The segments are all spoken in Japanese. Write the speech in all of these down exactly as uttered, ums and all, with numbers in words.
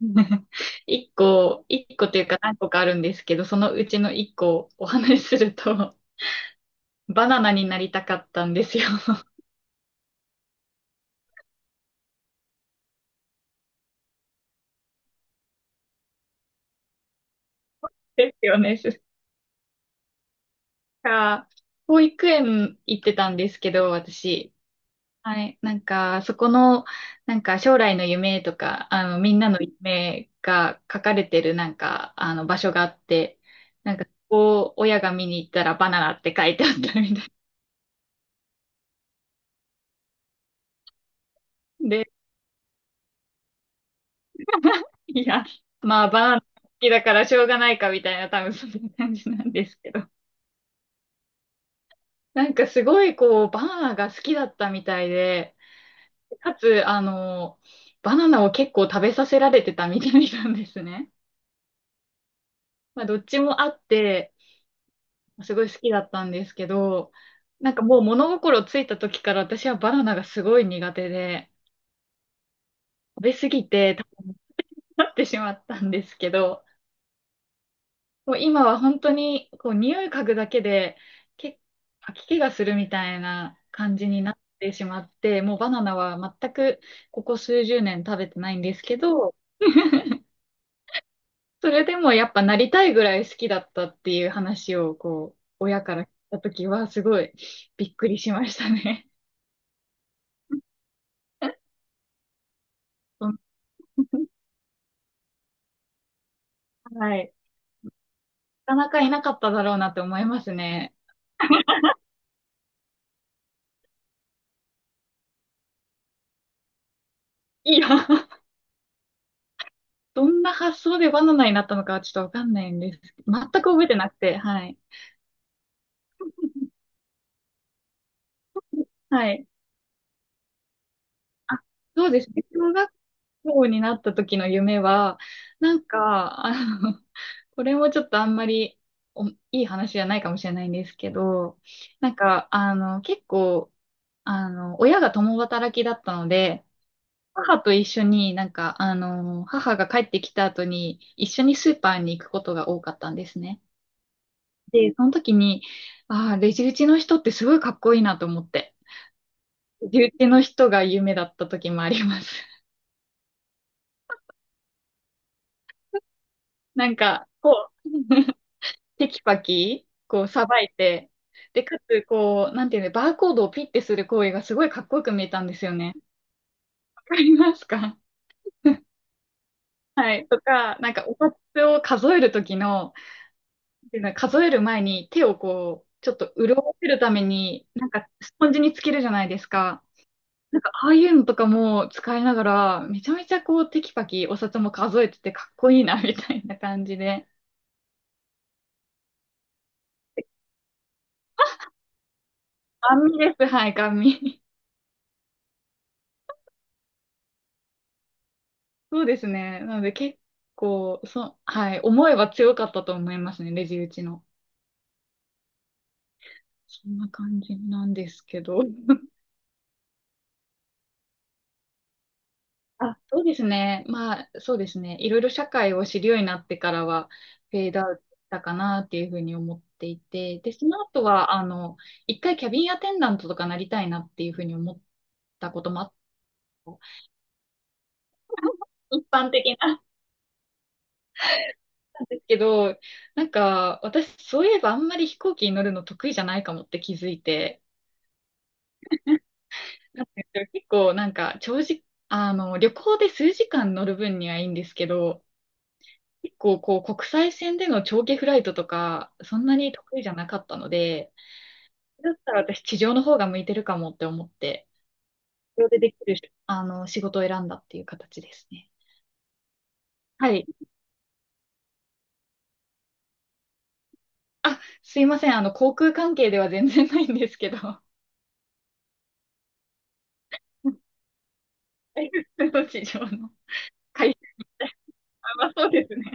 一個、一個というか何個かあるんですけど、そのうちの一個をお話しすると、バナナになりたかったんですよ。ですよね。すか、保育園行ってたんですけど、私。はい。なんか、そこの、なんか将来の夢とか、あの、みんなの夢が書かれてるなんか、あの、場所があって、なんか、ここを親が見に行ったらバナナって書いてあったみたいで、いや、まあ、バーン好きだからしょうがないかみたいな、多分そんな感じなんですけど。なんかすごいこう、バナナが好きだったみたいで、かつ、あの、バナナを結構食べさせられてたみたいなんですね。まあ、どっちもあって、すごい好きだったんですけど、なんかもう物心ついた時から私はバナナがすごい苦手で、食べ過ぎて食べなってしまったんですけど、こう今は本当にこう匂い嗅ぐだけでけ吐き気がするみたいな感じになってしまって、もうバナナは全くここ数十年食べてないんですけど、それでもやっぱなりたいぐらい好きだったっていう話をこう親から聞いた時はすごいびっくりしましたね。うん。 はい。なかなかいなかっただろうなって思いますね。いや、どんな発想でバナナになったのかはちょっとわかんないんです。全く覚えてなくて、はい。はい。あ、そうですね。小学校になった時の夢は、なんか、あの、これもちょっとあんまりおいい話じゃないかもしれないんですけど、なんか、あの、結構、あの、親が共働きだったので、母と一緒になんか、あの、母が帰ってきた後に一緒にスーパーに行くことが多かったんですね。で、その時に、ああ、レジ打ちの人ってすごいかっこいいなと思って、レジ打ちの人が夢だった時もあります。なんか、こう、テキパキ、こう、さばいて、で、かつ、こう、なんていうの、バーコードをピッてする行為がすごいかっこよく見えたんですよね。わかりますか？ はいとか、なんか、お札を数えるときの、っていうのは数える前に手をこう、ちょっと潤わせるために、なんか、スポンジにつけるじゃないですか。なんか、ああいうのとかも使いながら、めちゃめちゃこう、テキパキお札も数えててかっこいいな、みたいな感じで。ガン見です、はい、ガン見。そうですね。なので結構、そ、はい、思いは強かったと思いますね、レジ打ちの。そんな感じなんですけど。あ、そうですね。まあ、そうですね。いろいろ社会を知るようになってからは、フェードアウトしたかなっていうふうに思っていて、で、その後は、あの、一回キャビンアテンダントとかなりたいなっていうふうに思ったこともあった。一般的な、なんですけど、なんか、私、そういえばあんまり飛行機に乗るの得意じゃないかもって気づいて、なんですよ結構なんか長時、あの、旅行で数時間乗る分にはいいんですけど、結構こう国際線での長期フライトとか、そんなに得意じゃなかったので、だったら私地上の方が向いてるかもって思って、地上でできる、あの、仕事を選んだっていう形ですね。はい。すいません。あの、航空関係では全然ないんですけど、地上の会社はそうですね。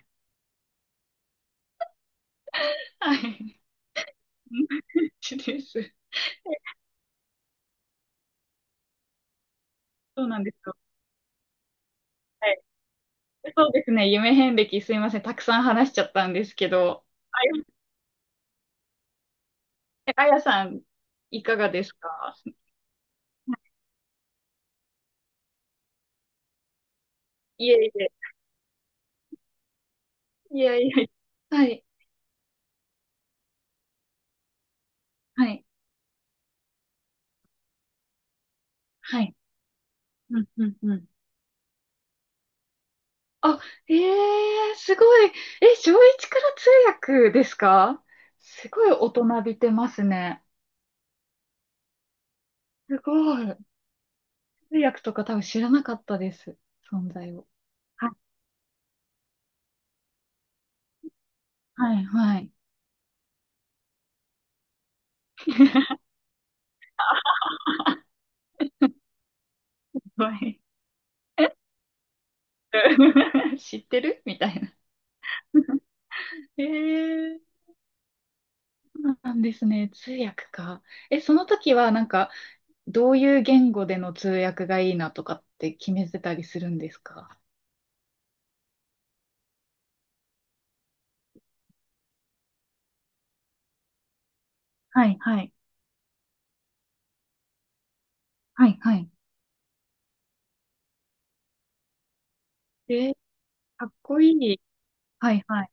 はい。同じです。そうなんですよ。はい。そうですね。夢遍歴すいません。たくさん話しちゃったんですけど。あや、あやさん、いかがですか？いえいえ。いやいや。はい。はい。はい。うん、うん、うん。あ、ええすごい。え、小一から通訳ですか？すごい大人びてますね。すごい。通訳とか多分知らなかったです。存在を。はい、はい、はい。はい。 知ってるみたいな。ええ。そうなんですね。通訳か。え、その時はなんか、どういう言語での通訳がいいなとかって決めてたりするんですか？はい、はい。はい、はい。え、かっこいい。はい、はい。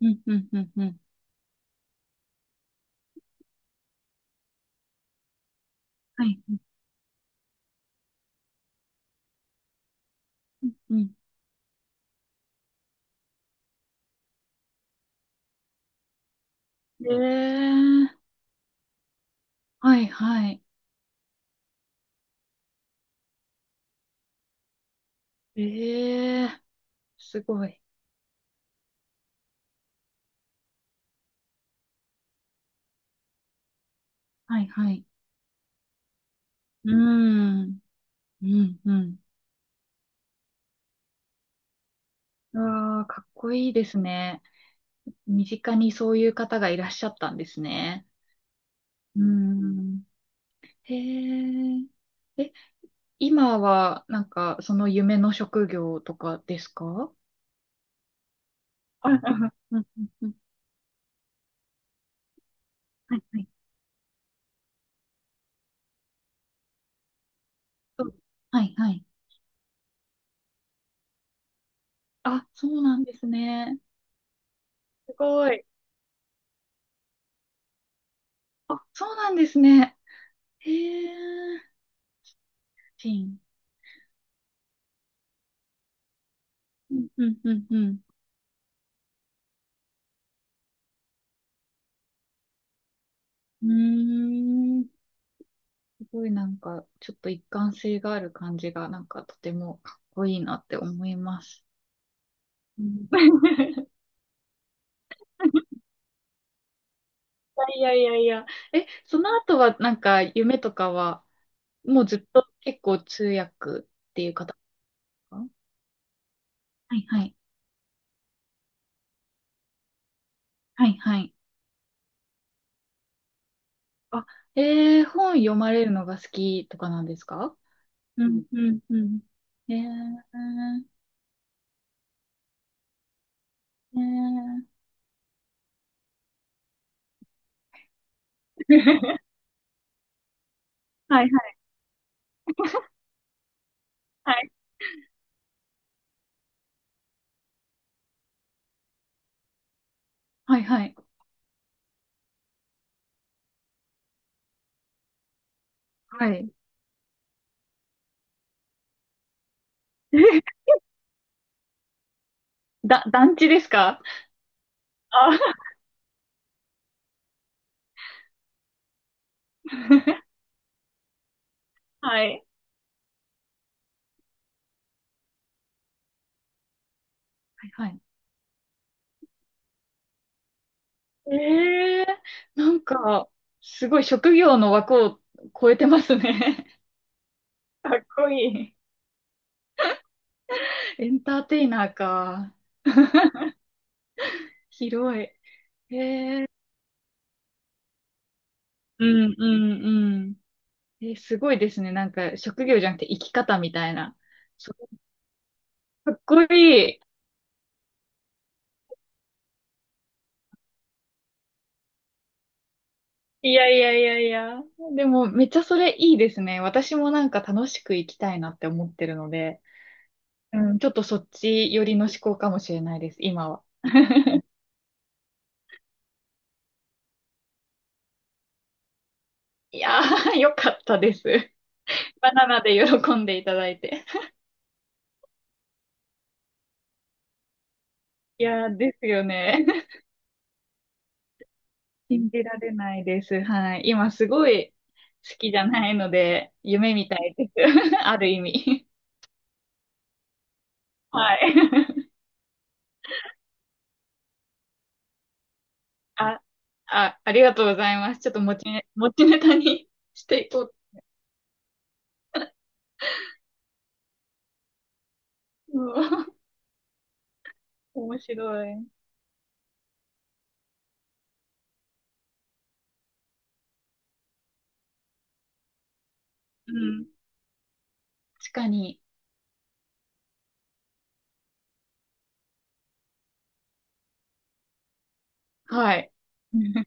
うん、うん、うん、うん。はい。うん。うん。えー、はい、はい。えー、すごい。はい、はい。うーん、うん、うん。うわあ、かっこいいですね。身近にそういう方がいらっしゃったんですね。うーん。へえ。え、今は、なんか、その夢の職業とかですか？うんうんうんうん。うんはいはい。そうはいはい。あ、そうなんですね。すごい。あ、そうなんですね。へえ。シン。うんうんうんうん。うーん。すごいなんか、ちょっと一貫性がある感じが、なんかとてもかっこいいなって思います。うん。 いやいやいやいや。え、その後はなんか夢とかはもうずっと結構通訳かは、いはい。はいはい。あ、えー、本読まれるのが好きとかなんですか？うんうんうん。えー、えー、はいはいはいはい。はい。はい。だ、団地ですか？あ、はい。はいはい。えー、なんか、すごい職業の枠を超えてますね。かっこいい。エンターテイナーか。広い。うんうんうん。え、すごいですね。なんか、職業じゃなくて生き方みたいな。そ、かっこいい。いやいやいやいや。でも、めっちゃそれいいですね。私もなんか楽しく生きたいなって思ってるので、うん、ちょっとそっち寄りの思考かもしれないです、今は。いやー、よかったです。バナナで喜んでいただいて。いやー、ですよね。信じられないです。はい。今すごい好きじゃないので、夢みたいです。ある意味。はい。あ、あ、ありがとうございます。ちょっと持ちね、持ちネタに していこう。うん。面白い。うん。確かに。はい。